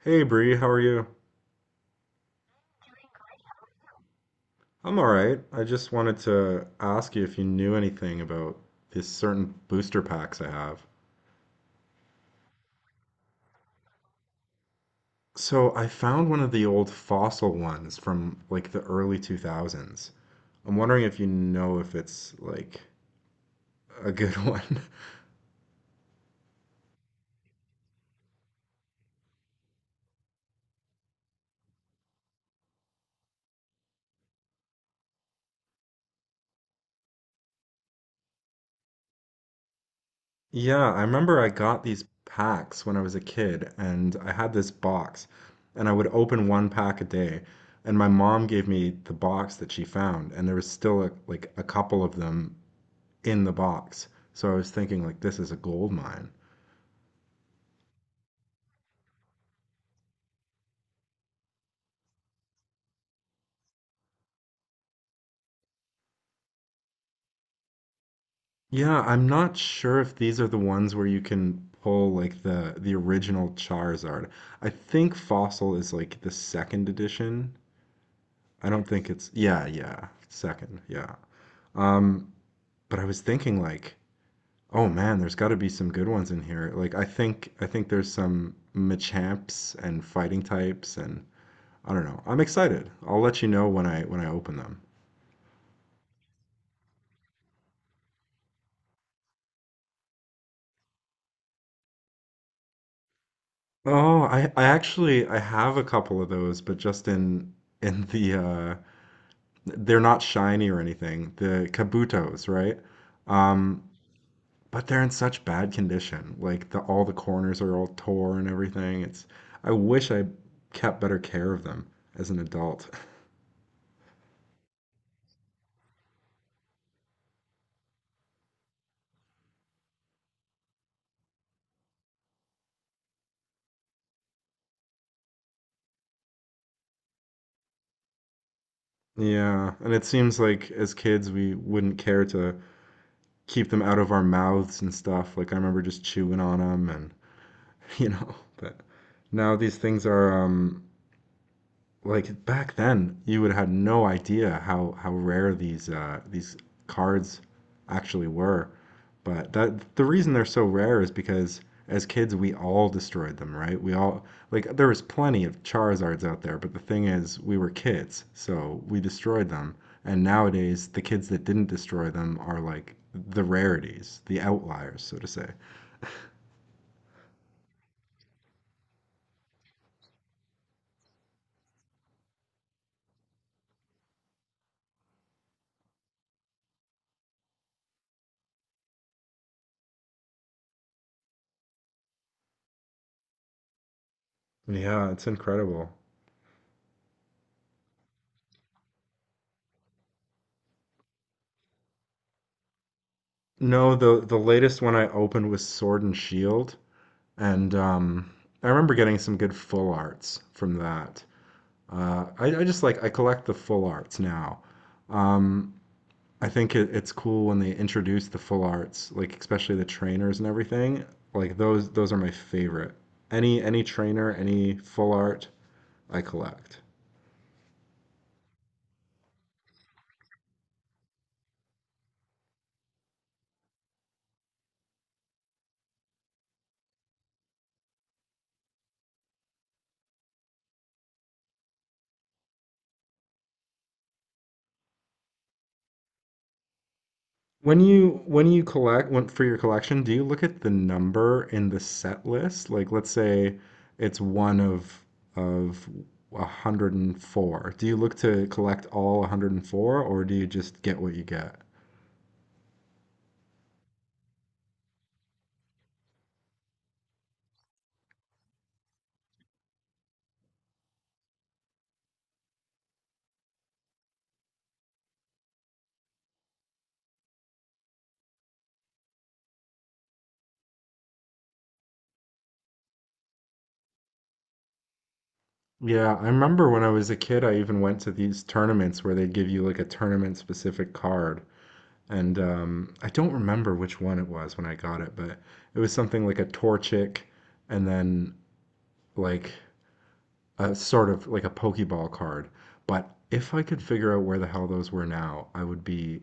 Hey Bree, how are you? I'm all right. I just wanted to ask you if you knew anything about these certain booster packs I have. So I found one of the old fossil ones from like the early 2000s. I'm wondering if you know if it's like a good one. Yeah, I remember I got these packs when I was a kid, and I had this box, and I would open one pack a day. And my mom gave me the box that she found, and there was still a, like a couple of them in the box. So I was thinking like this is a gold mine. Yeah, I'm not sure if these are the ones where you can pull like the original Charizard. I think Fossil is like the second edition. I don't think it's yeah, yeah, second, yeah. Um, but I was thinking like, oh man, there's got to be some good ones in here. Like I think there's some Machamps and fighting types and I don't know. I'm excited. I'll let you know when I open them. Oh, I actually I have a couple of those, but just in the they're not shiny or anything. The Kabutos, right? Um, but they're in such bad condition. Like the all the corners are all tore and everything. It's I wish I kept better care of them as an adult. Yeah, and it seems like as kids we wouldn't care to keep them out of our mouths and stuff. Like I remember just chewing on them and you know, but now these things are like back then you would have had no idea how how rare these cards actually were. But that the reason they're so rare is because as kids we all destroyed them, right? We all like there was plenty of Charizards out there, but the thing is we were kids, so we destroyed them. And nowadays the kids that didn't destroy them are like the rarities, the outliers, so to say. Yeah, it's incredible. No, the latest one I opened was Sword and Shield, and I remember getting some good full arts from that. I just like I collect the full arts now. Um, I think it's cool when they introduce the full arts, like especially the trainers and everything. Like those are my favorite. Any trainer, any full art, I collect. When you collect when, for your collection, do you look at the number in the set list? Like, let's say it's one of 104. Do you look to collect all 104, or do you just get what you get? Yeah, I remember when I was a kid, I even went to these tournaments where they'd give you like a tournament specific card. And I don't remember which one it was when I got it, but it was something like a Torchic and then like a sort of like a Pokeball card, but if I could figure out where the hell those were now, I would be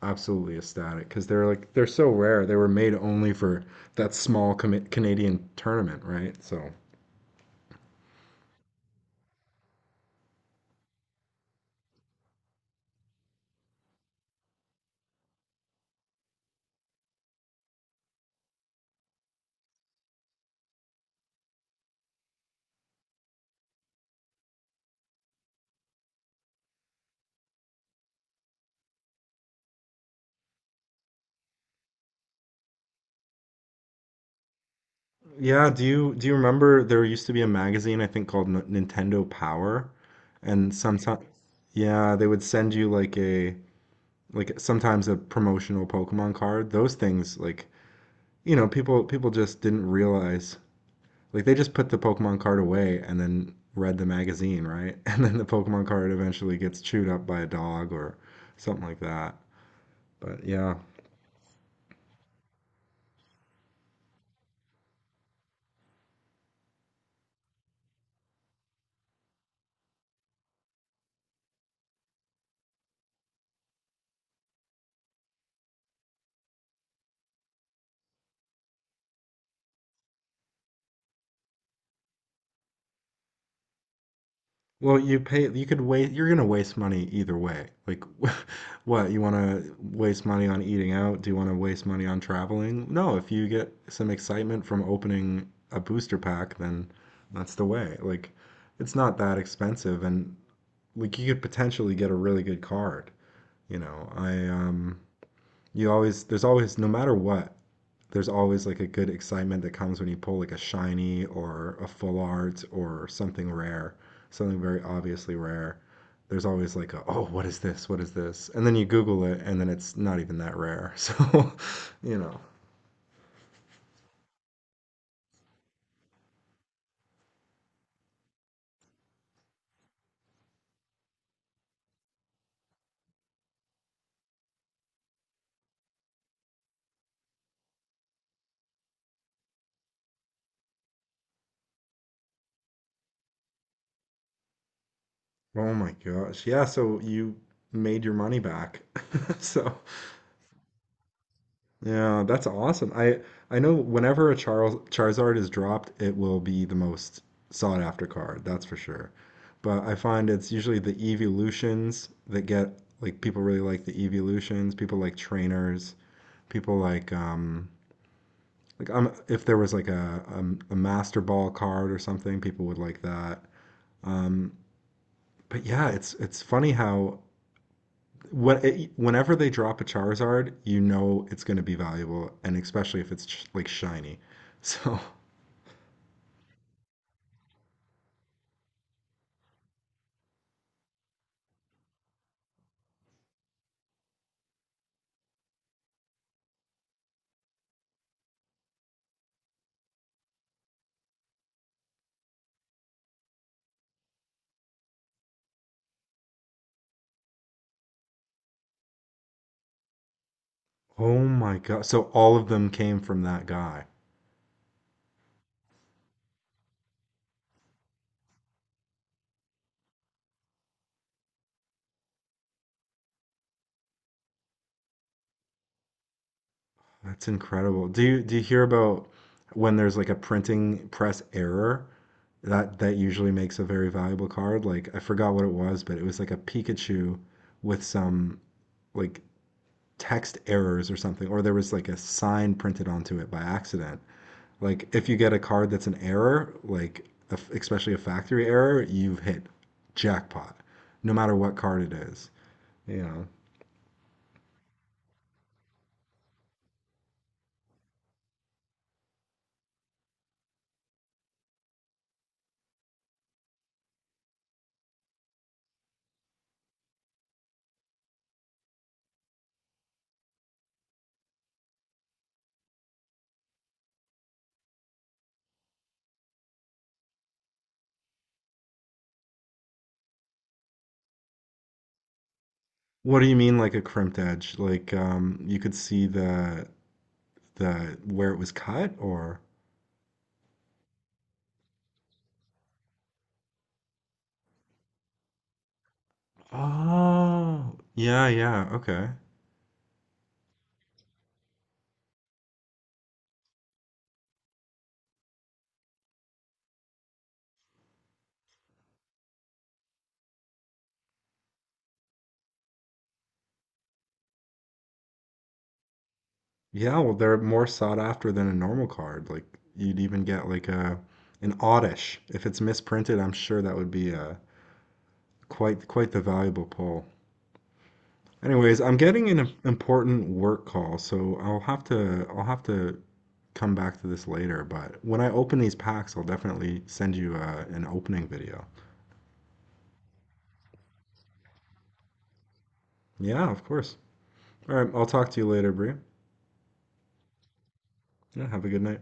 absolutely ecstatic because they're like they're so rare. They were made only for that Canadian tournament, right? So yeah, do you remember there used to be a magazine I think called Nintendo Power, and sometimes yeah they would send you like a like sometimes a promotional Pokemon card. Those things like you know people just didn't realize like they just put the Pokemon card away and then read the magazine, right? And then the Pokemon card eventually gets chewed up by a dog or something like that. But yeah. Well, you pay you could wait you're gonna waste money either way. Like what, you wanna waste money on eating out? Do you wanna waste money on traveling? No, if you get some excitement from opening a booster pack, then that's the way. Like it's not that expensive and like you could potentially get a really good card. You know, I you always, there's always, no matter what, there's always like a good excitement that comes when you pull like a shiny or a full art or something rare, something very obviously rare. There's always like a, oh, what is this? What is this? And then you Google it and then it's not even that rare. So, you know. Oh my gosh. Yeah, so you made your money back. So yeah, that's awesome. I know whenever a Charles Charizard is dropped, it will be the most sought after card, that's for sure. But I find it's usually the evolutions that get like people really like the evolutions, people like trainers, people like if there was like a Master Ball card or something, people would like that. Um but yeah, it's funny how when, whenever they drop a Charizard, you know it's going to be valuable, and especially if it's like shiny. So, oh my God. So all of them came from that guy. That's incredible. Do you hear about when there's like a printing press error? That usually makes a very valuable card. Like I forgot what it was, but it was like a Pikachu with some like text errors or something, or there was like a sign printed onto it by accident. Like if you get a card that's an error, like especially a factory error, you've hit jackpot, no matter what card it is. You know. What do you mean like a crimped edge? Like you could see the where it was cut or oh, yeah, yeah, okay. Yeah, well they're more sought after than a normal card. Like you'd even get like a an oddish. If it's misprinted, I'm sure that would be a quite the valuable pull. Anyways, I'm getting an important work call, so I'll have to come back to this later, but when I open these packs, I'll definitely send you an opening video. Yeah, of course. All right, I'll talk to you later, Bria. Yeah, have a good night.